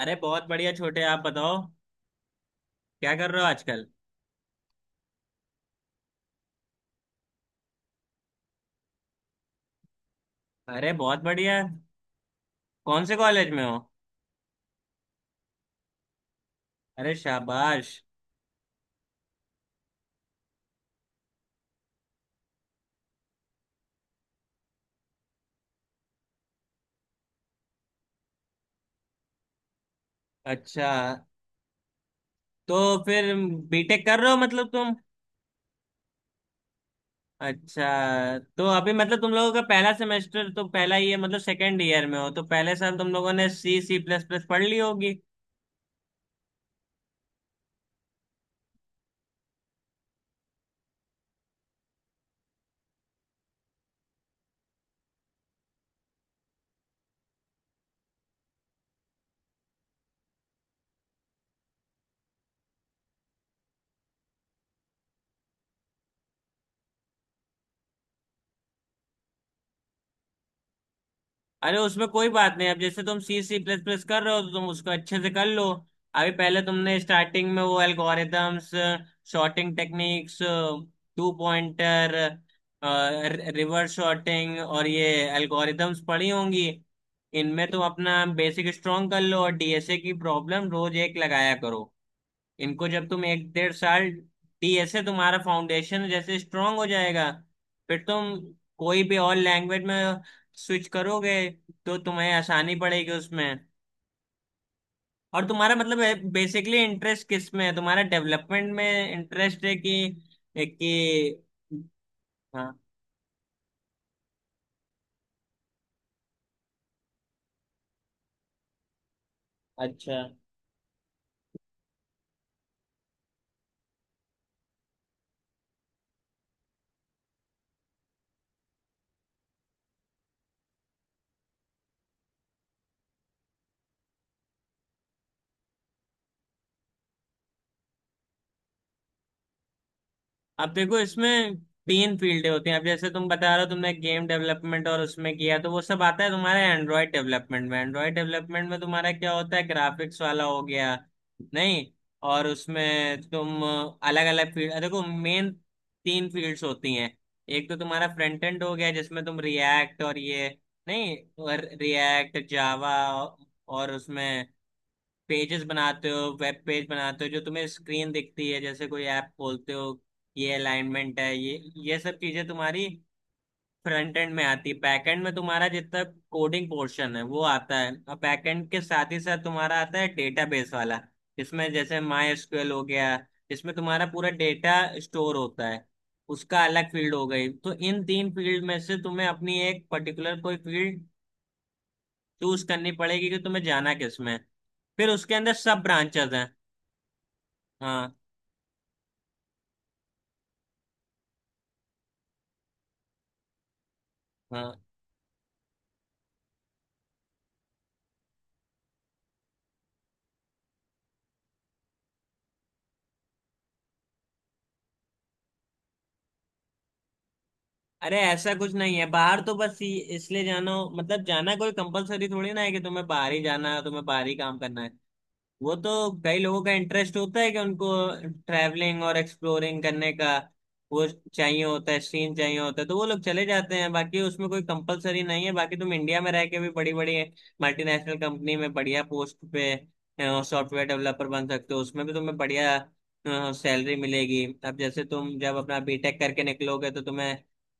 अरे बहुत बढ़िया छोटे। आप बताओ, क्या कर रहे हो आजकल? अरे बहुत बढ़िया। कौन से कॉलेज में हो? अरे शाबाश। अच्छा। तो फिर बीटेक कर रहे हो मतलब तुम? अच्छा। तो अभी मतलब तुम लोगों का पहला सेमेस्टर तो पहला ही है, मतलब सेकेंड ईयर में हो तो पहले साल तुम लोगों ने सी सी प्लस प्लस पढ़ ली होगी। अरे उसमें कोई बात नहीं। अब जैसे तुम सी सी प्लस प्लस कर रहे हो तो तुम उसको अच्छे से कर लो। अभी पहले तुमने स्टार्टिंग में वो algorithms, sorting techniques, two pointer, reverse sorting और ये एल्गोरिदम्स पढ़ी होंगी। इनमें तुम अपना बेसिक स्ट्रॉन्ग कर लो और डीएसए की प्रॉब्लम रोज एक लगाया करो। इनको जब तुम 1-1.5 साल दिए से तुम्हारा फाउंडेशन जैसे स्ट्रांग हो जाएगा। फिर तुम कोई भी और लैंग्वेज में स्विच करोगे तो तुम्हें आसानी पड़ेगी उसमें। और तुम्हारा मतलब है, बेसिकली इंटरेस्ट किस में है तुम्हारा, डेवलपमेंट में इंटरेस्ट है कि? हाँ। अच्छा। अब देखो इसमें तीन फील्डें होती हैं। अब जैसे तुम बता रहे हो तुमने गेम डेवलपमेंट और उसमें किया, तो वो सब आता है तुम्हारे एंड्रॉयड डेवलपमेंट में। एंड्रॉयड डेवलपमेंट में तुम्हारा क्या होता है, ग्राफिक्स वाला हो गया, नहीं, और उसमें तुम अलग अलग फील्ड देखो। मेन तीन फील्ड्स होती हैं। एक तो तुम्हारा फ्रंट एंड हो गया, जिसमें तुम रिएक्ट और ये, नहीं, और रिएक्ट जावा, और उसमें पेजेस बनाते हो, वेब पेज बनाते हो जो तुम्हें स्क्रीन दिखती है, जैसे कोई ऐप खोलते हो ये अलाइनमेंट है, ये सब चीजें तुम्हारी फ्रंट एंड में आती है। बैक एंड में तुम्हारा जितना कोडिंग पोर्शन है वो आता है, और बैक एंड के साथ ही साथ तुम्हारा आता है डेटाबेस वाला, जिसमें जैसे माई एसक्यूएल हो गया। इसमें तुम्हारा पूरा डेटा स्टोर होता है। उसका अलग फील्ड हो गई। तो इन तीन फील्ड में से तुम्हें अपनी एक पर्टिकुलर कोई फील्ड चूज करनी पड़ेगी कि तुम्हें जाना किस में है। फिर उसके अंदर सब ब्रांचेस हैं। हाँ। हाँ। अरे ऐसा कुछ नहीं है, बाहर तो बस इसलिए जाना हो, मतलब जाना कोई कंपलसरी थोड़ी ना है कि तुम्हें बाहर ही जाना है, तुम्हें बाहर ही काम करना है। वो तो कई लोगों का इंटरेस्ट होता है कि उनको ट्रैवलिंग और एक्सप्लोरिंग करने का वो चाहिए होता है, सीन चाहिए होता है, तो वो लोग चले जाते हैं। बाकी उसमें कोई कंपलसरी नहीं है। बाकी तुम इंडिया में रह के भी बड़ी बड़ी मल्टीनेशनल कंपनी में बढ़िया पोस्ट पे सॉफ्टवेयर डेवलपर बन सकते हो, उसमें भी तुम्हें बढ़िया सैलरी मिलेगी। अब जैसे तुम जब अपना बीटेक करके निकलोगे तो तुम्हें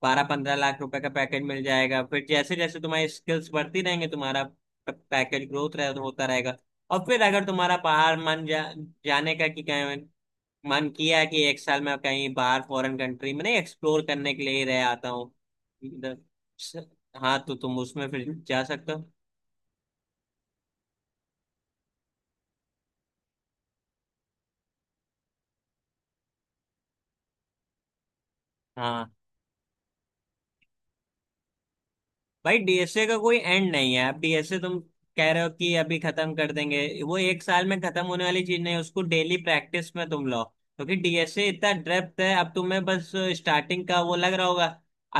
12-15 लाख रुपए का पैकेज मिल जाएगा। फिर जैसे जैसे तुम्हारी स्किल्स बढ़ती रहेंगी तुम्हारा पैकेज ग्रोथ होता रहेगा। और फिर अगर तुम्हारा बाहर मन जाने का, कि कहीं मन किया कि एक साल में कहीं बाहर फॉरेन कंट्री में नहीं एक्सप्लोर करने के लिए ही रह आता हूँ इधर- हाँ, तो तुम उसमें फिर जा सकते हो। हाँ। भाई डीएसए का कोई एंड नहीं है। आप डीएसए, तुम कह रहे हो कि अभी खत्म कर देंगे, वो एक साल में खत्म होने वाली चीज नहीं है। उसको डेली प्रैक्टिस में तुम लो, क्योंकि डीएसए इतना डेप्थ है। अब तुम्हें बस स्टार्टिंग का वो लग रहा होगा।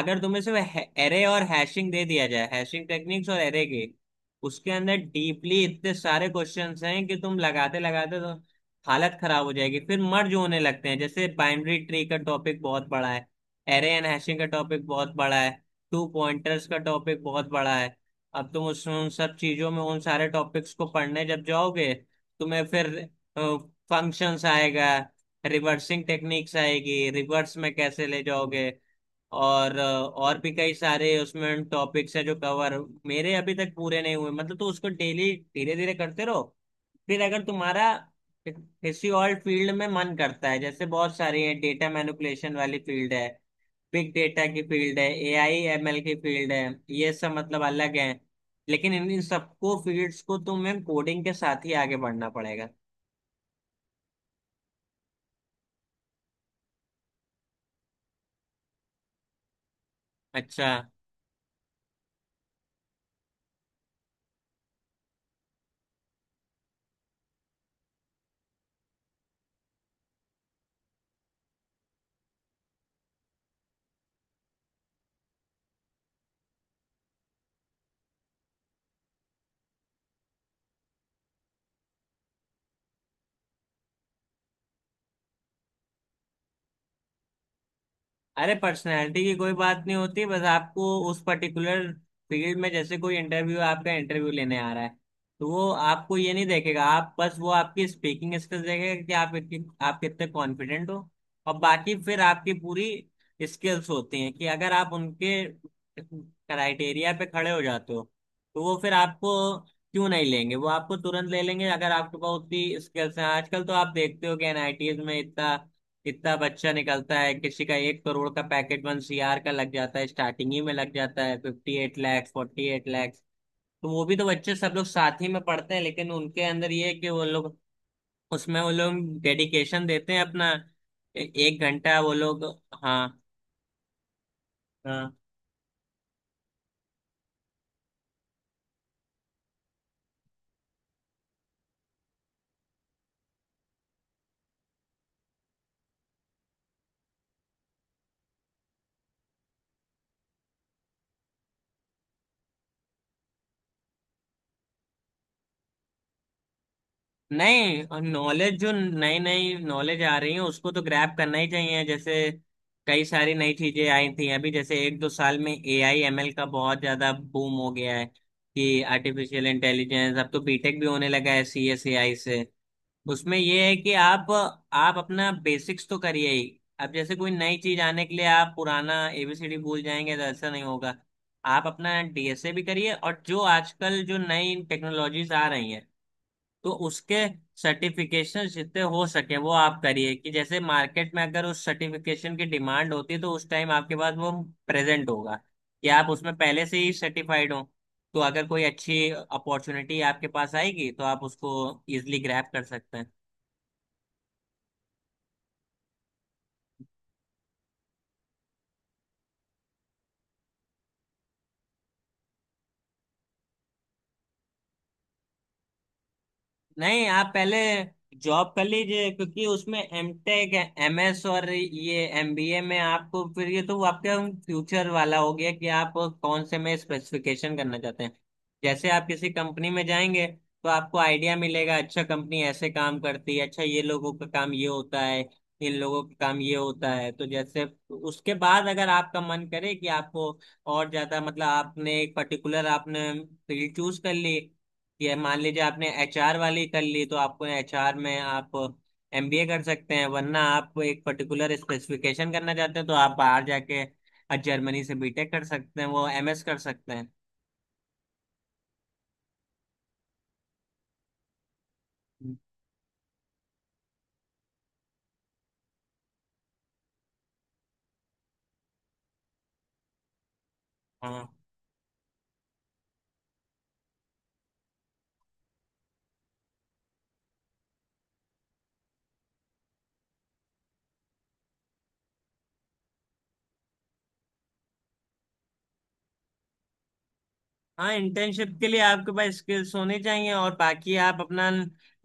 अगर तुम्हें सिर्फ एरे और हैशिंग दे दिया जाए, हैशिंग टेक्निक्स और एरे की उसके अंदर डीपली इतने सारे क्वेश्चंस हैं कि तुम लगाते लगाते तो हालत खराब हो जाएगी। फिर मर्ज होने लगते हैं, जैसे बाइनरी ट्री का टॉपिक बहुत बड़ा है, एरे एंड हैशिंग का टॉपिक बहुत बड़ा है, टू पॉइंटर्स का टॉपिक बहुत बड़ा है। अब तुम उसमें उन सब चीजों में, उन सारे टॉपिक्स को पढ़ने जब जाओगे, तुम्हें फिर फंक्शंस आएगा, रिवर्सिंग टेक्निक्स आएगी, रिवर्स में कैसे ले जाओगे, और और भी कई सारे उसमें टॉपिक्स है जो कवर मेरे अभी तक पूरे नहीं हुए मतलब। तो उसको डेली धीरे धीरे करते रहो। फिर अगर तुम्हारा किसी और फील्ड में मन करता है, जैसे बहुत सारी है, डेटा मैनिपुलेशन वाली फील्ड है, बिग डेटा की फील्ड है, एआई एमएल की फील्ड है, ये सब मतलब अलग है। लेकिन इन इन सबको फील्ड्स को तुम्हें कोडिंग के साथ ही आगे बढ़ना पड़ेगा। अच्छा। अरे पर्सनैलिटी की कोई बात नहीं होती। बस आपको उस पर्टिकुलर फील्ड में, जैसे कोई इंटरव्यू, आपका इंटरव्यू लेने आ रहा है, तो वो आपको ये नहीं देखेगा, आप बस, वो आपकी स्पीकिंग स्किल्स देखेगा कि आप इतनी, आप कितने कॉन्फिडेंट हो। और बाकी फिर आपकी पूरी स्किल्स होती हैं कि अगर आप उनके क्राइटेरिया पे खड़े हो जाते हो तो वो फिर आपको क्यों नहीं लेंगे, वो आपको तुरंत ले लेंगे अगर आपके पास उतनी स्किल्स हैं। आजकल तो आप देखते हो कि एनआईटीज में इतना कितना बच्चा निकलता है, किसी का 1 करोड़ का पैकेट, 1 CR का लग जाता है, स्टार्टिंग ही में लग जाता है, 58 lakhs, 48 lakhs। तो वो भी तो बच्चे सब लोग साथ ही में पढ़ते हैं, लेकिन उनके अंदर ये है कि वो लोग उसमें, वो लोग डेडिकेशन देते हैं अपना। एक घंटा वो लोग, हाँ। नहीं, नॉलेज जो नई नई नॉलेज आ रही है उसको तो ग्रैब करना ही चाहिए। जैसे कई सारी नई चीजें आई थी, अभी जैसे 1-2 साल में ए आई एम एल का बहुत ज्यादा बूम हो गया है, कि आर्टिफिशियल इंटेलिजेंस अब तो बीटेक भी होने लगा है सी एस ए आई से। उसमें ये है कि आप अपना बेसिक्स तो करिए ही। अब जैसे कोई नई चीज आने के लिए आप पुराना एबीसीडी भूल जाएंगे, तो ऐसा नहीं होगा। आप अपना डीएसए भी करिए, और जो आजकल जो नई टेक्नोलॉजीज आ रही हैं तो उसके सर्टिफिकेशन जितने हो सके वो आप करिए, कि जैसे मार्केट में अगर उस सर्टिफिकेशन की डिमांड होती है तो उस टाइम आपके पास वो प्रेजेंट होगा, कि आप उसमें पहले से ही सर्टिफाइड हो। तो अगर कोई अच्छी अपॉर्चुनिटी आपके पास आएगी तो आप उसको इजिली ग्रैब कर सकते हैं। नहीं, आप पहले जॉब कर लीजिए, क्योंकि उसमें एमटेक, एमएस और ये एमबीए में आपको फिर ये तो आपका फ्यूचर वाला हो गया कि आप कौन से में स्पेसिफिकेशन करना चाहते हैं। जैसे आप किसी कंपनी में जाएंगे तो आपको आइडिया मिलेगा, अच्छा कंपनी ऐसे काम करती है, अच्छा ये लोगों का काम ये होता है, इन लोगों का काम ये होता है। तो जैसे उसके बाद अगर आपका मन करे कि आपको और ज्यादा मतलब, आपने एक पर्टिकुलर आपने फील्ड चूज कर ली, ये मान लीजिए आपने एचआर वाली कर ली तो आपको एचआर में आप एमबीए कर सकते हैं। वरना आप एक पर्टिकुलर स्पेसिफिकेशन करना चाहते हैं तो आप बाहर जाके जर्मनी से बीटेक कर सकते हैं, वो एमएस कर सकते हैं। हाँ। हाँ, इंटर्नशिप के लिए आपके पास स्किल्स होने चाहिए। और बाकी आप अपना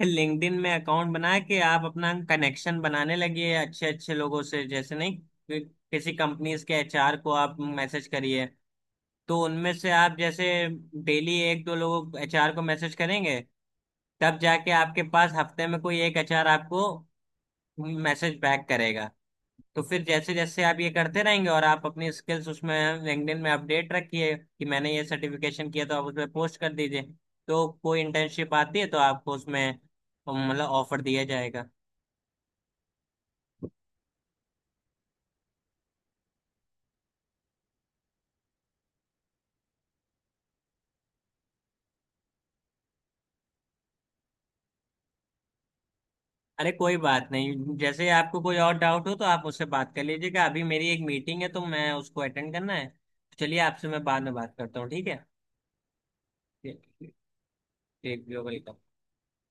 लिंक्डइन में अकाउंट बना के आप अपना कनेक्शन बनाने लगिए अच्छे अच्छे लोगों से, जैसे नहीं किसी कंपनीज के एचआर को आप मैसेज करिए। तो उनमें से आप जैसे डेली 1-2 लोगों एचआर को मैसेज करेंगे, तब जाके आपके पास हफ्ते में कोई एक एचआर आपको मैसेज बैक करेगा। तो फिर जैसे जैसे आप ये करते रहेंगे, और आप अपनी स्किल्स उसमें लिंक्डइन में अपडेट रखिए, कि मैंने ये सर्टिफिकेशन किया तो आप उसमें पोस्ट कर दीजिए, तो कोई इंटर्नशिप आती है तो आपको उसमें मतलब ऑफर दिया जाएगा। अरे कोई बात नहीं, जैसे आपको कोई और डाउट हो तो आप मुझसे बात कर लीजिएगा। अभी मेरी एक मीटिंग है तो मैं उसको अटेंड करना है, तो चलिए आपसे मैं बाद में बात करता हूँ, ठीक है? ठीक ठीक। ठीक, वेलकम।